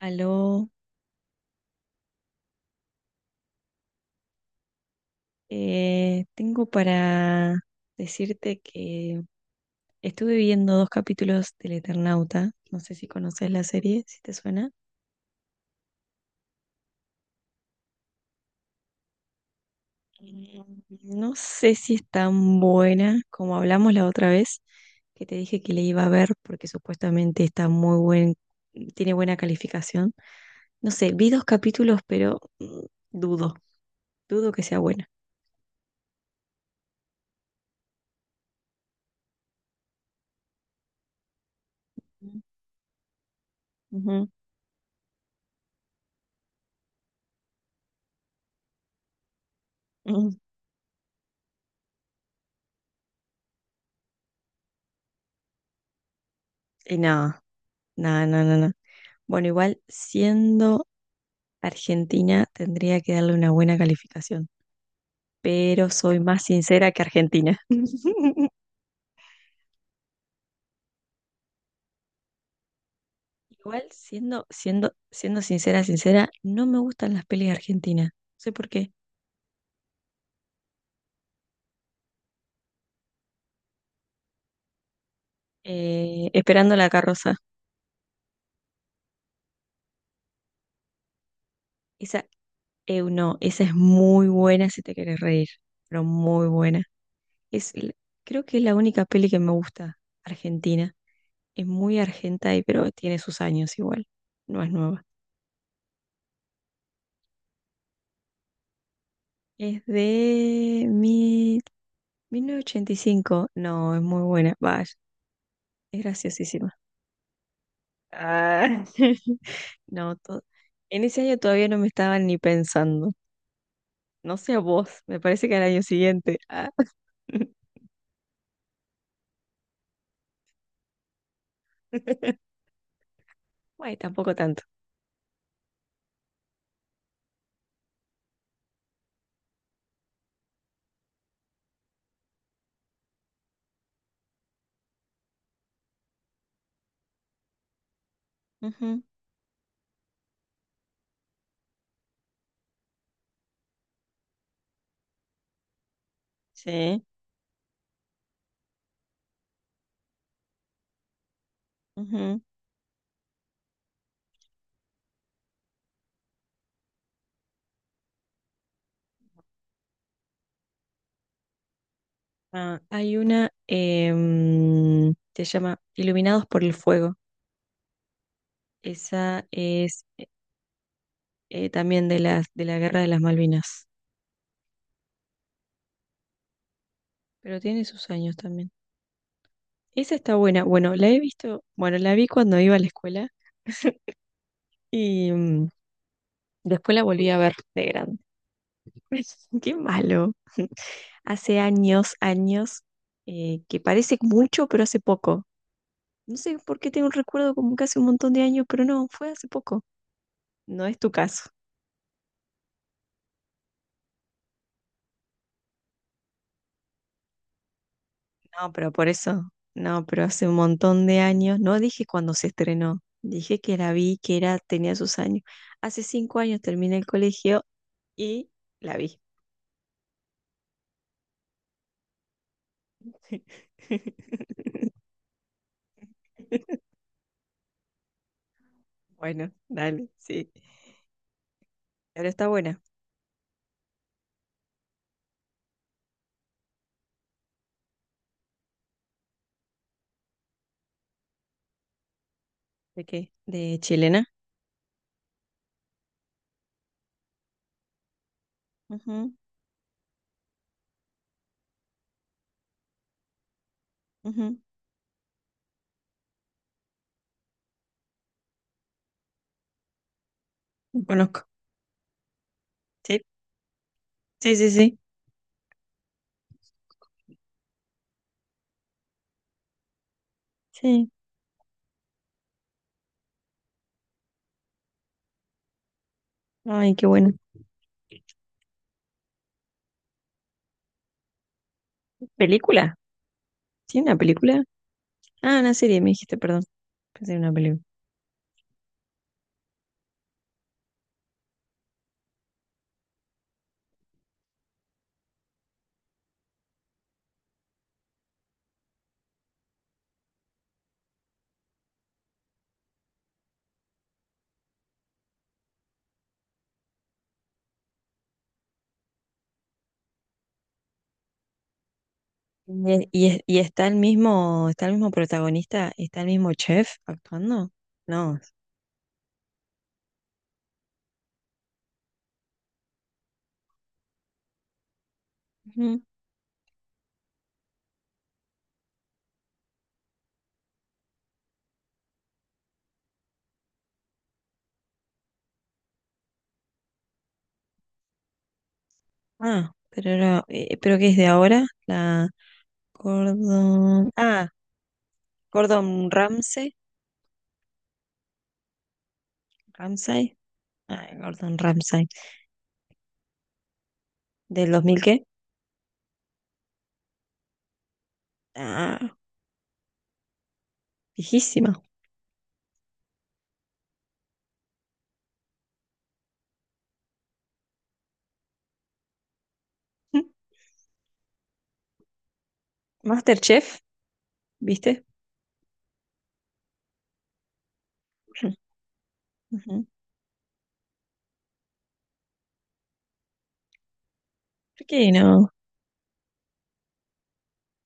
Aló. Tengo para decirte que estuve viendo dos capítulos del Eternauta. No sé si conoces la serie, si te suena. Mm, no sé si es tan buena como hablamos la otra vez, que te dije que le iba a ver porque supuestamente está muy buen, tiene buena calificación. No sé, vi dos capítulos, pero dudo, dudo que sea buena. Ujú, ujú. Y nada, nada. Bueno, igual siendo Argentina tendría que darle una buena calificación, pero soy más sincera que Argentina. Igual, siendo sincera, no me gustan las pelis argentinas. No sé por qué. Esperando la carroza. Esa, no, esa es muy buena si te quieres reír, pero muy buena. Es, creo que es la única peli que me gusta, argentina. Es muy argenta y pero tiene sus años igual. No es nueva. Es de 1985, no, es muy buena, vaya, es graciosísima. Ah, No, to- En ese año todavía no me estaban ni pensando. No sé a vos, me parece que al año siguiente. Ah. Bueno, tampoco tanto. Ujú, sí, ujú. Ah, hay una se llama Iluminados por el Fuego. Esa es también de las de la Guerra de las Malvinas, pero tiene sus años también. Esa está buena. Bueno, la he visto, bueno, la vi cuando iba a la escuela y después la volví a ver de grande. Qué malo. Hace años, años, que parece mucho, pero hace poco. No sé por qué tengo un recuerdo como que hace un montón de años, pero no, fue hace poco. No es tu caso. No, pero por eso. No, pero hace un montón de años. No dije cuando se estrenó. Dije que la vi, que era, tenía sus años. Hace cinco años terminé el colegio y la vi. Bueno, dale, sí. Pero está buena. ¿De qué? ¿De chilena? Ujú, ujú. Lo conozco. Sí, sí, sí, sí. Sí. Ay, qué bueno. ¿Película? ¿Sí, una película? Ah, una serie, me dijiste, perdón. Pensé en una película. Y, y está el mismo, ¿está el mismo protagonista? ¿Está el mismo chef actuando? No. Ujú. Ah, pero era, ¿pero qué es de ahora? La Gordon. Ah, Gordon Ramsay. Ramsay. Ah, Gordon Ramsay. ¿Del dos mil qué? Ah, viejísima. MasterChef, ¿viste? Ujú. ¿Por qué no?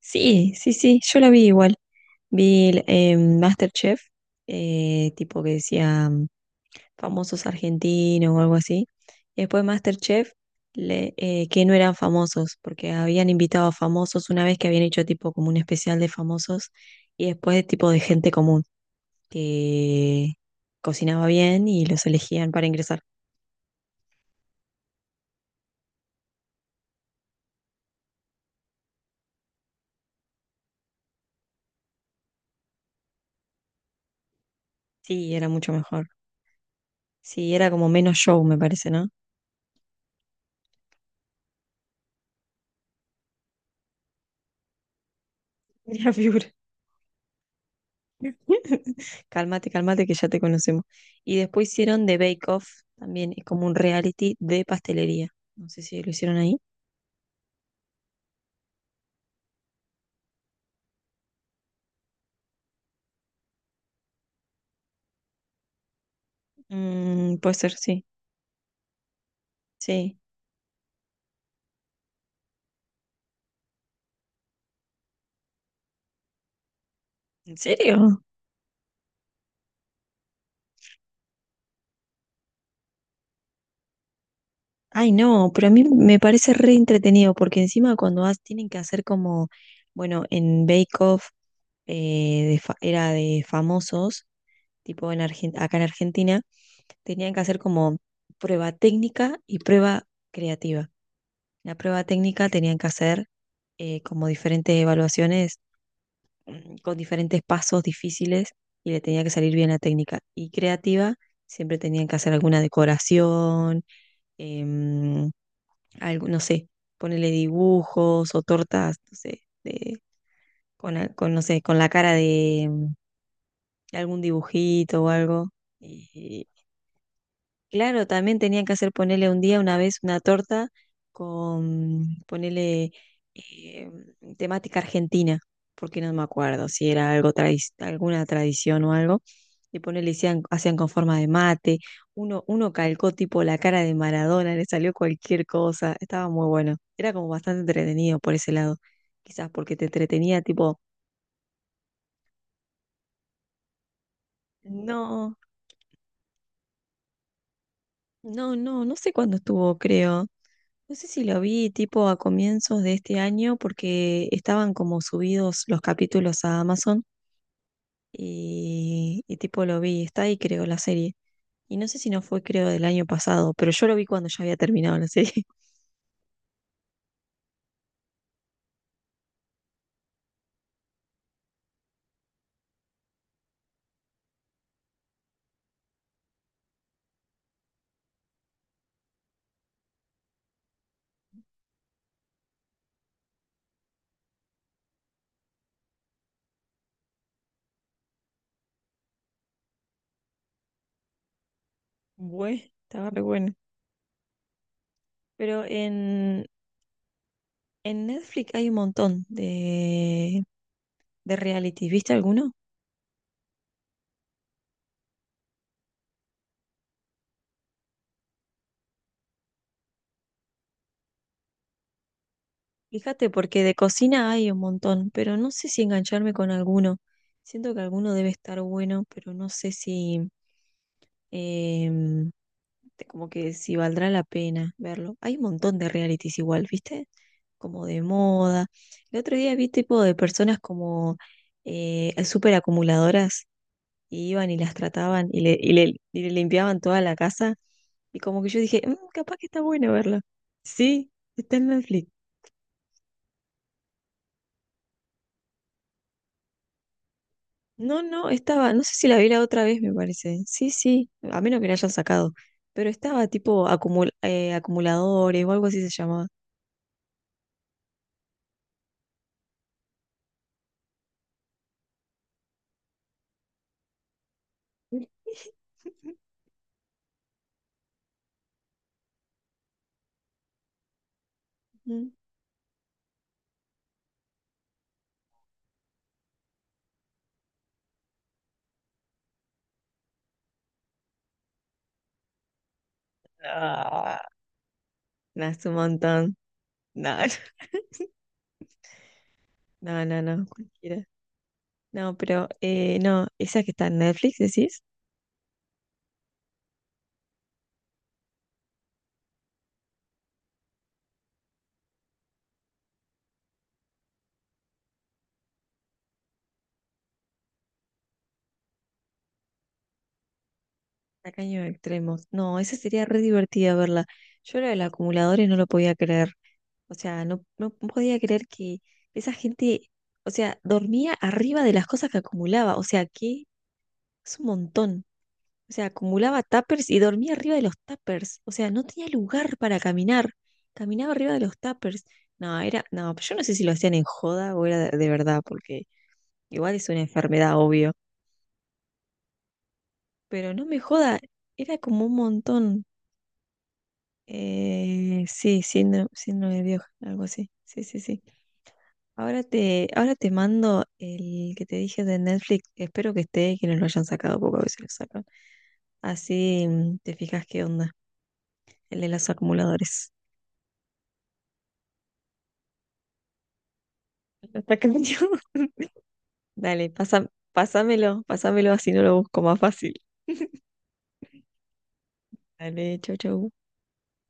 Sí, sí, sí, yo la vi igual. Vi el, MasterChef, tipo que decía famosos argentinos o algo así. Y después MasterChef, que no eran famosos, porque habían invitado a famosos una vez que habían hecho tipo como un especial de famosos y después tipo de gente común que cocinaba bien y los elegían para ingresar. Sí, era mucho mejor. Sí, era como menos show, me parece, ¿no? Mira, figura. Cálmate, cálmate, que ya te conocemos. Y después hicieron The Bake Off, también es como un reality de pastelería. No sé si lo hicieron ahí. Mm, puede ser, sí. Sí. ¿En serio? Ay, no, pero a mí me parece re entretenido, porque encima cuando tienen que hacer como, bueno, en Bake Off era de famosos, tipo en acá en Argentina, tenían que hacer como prueba técnica y prueba creativa. La prueba técnica tenían que hacer como diferentes evaluaciones con diferentes pasos difíciles y le tenía que salir bien la técnica. Y creativa, siempre tenían que hacer alguna decoración, em, algo, no sé, ponerle dibujos o tortas, no sé, con, con, no sé, con la cara de, algún dibujito o algo. Y, claro, también tenían que hacer ponerle un día, una vez, una torta con ponerle eh, temática argentina, porque no me acuerdo si era algo alguna tradición o algo, y ponerle hacían, hacían con forma de mate, uno, uno calcó tipo la cara de Maradona, le salió cualquier cosa, estaba muy bueno, era como bastante entretenido por ese lado, quizás porque te entretenía tipo, no, no sé cuándo estuvo, creo. No sé si lo vi tipo a comienzos de este año porque estaban como subidos los capítulos a Amazon y tipo lo vi, está ahí creo la serie. Y no sé si no fue creo del año pasado, pero yo lo vi cuando ya había terminado la serie. Bueno, estaba re bueno. Pero en Netflix hay un montón de, ¿de reality? ¿Viste alguno? Fíjate, porque de cocina hay un montón, pero no sé si engancharme con alguno. Siento que alguno debe estar bueno, pero no sé si, em, como que si valdrá la pena verlo. Hay un montón de realities igual, ¿viste? Como de moda. El otro día vi tipo de personas como súper acumuladoras y iban y las trataban y le limpiaban toda la casa. Y como que yo dije, "Mm, capaz que está bueno verlo." Sí, está en Netflix. No, no, estaba, no sé si la vi la otra vez, me parece. Sí, sí, a menos que la hayan sacado. Pero estaba tipo acumuladores o algo así se llamaba. Mm. No, no, es un montón. No, no, no, no, cualquiera. No, pero no, esa que está en Netflix, decís, Tacaños Extremos. No, esa sería re divertida verla. Yo lo del acumuladores no lo podía creer. O sea, no, no podía creer que esa gente, o sea, dormía arriba de las cosas que acumulaba. O sea, que es un montón. O sea, acumulaba tuppers y dormía arriba de los tuppers. O sea, no tenía lugar para caminar. Caminaba arriba de los tuppers. No, era, no, pero yo no sé si lo hacían en joda o era de verdad, porque igual es una enfermedad, obvio. Pero no me joda, era como un montón. Sí, síndrome de Dios, algo así. Sí, sí, sí. Ahora te mando el que te dije de Netflix. Espero que esté, que no lo hayan sacado, porque a veces lo sacan. Así te fijas qué onda. El de los acumuladores. Lo sacan yo. Dale, pasa, pásamelo, pásamelo así no lo busco más fácil. Dale, chau, chau.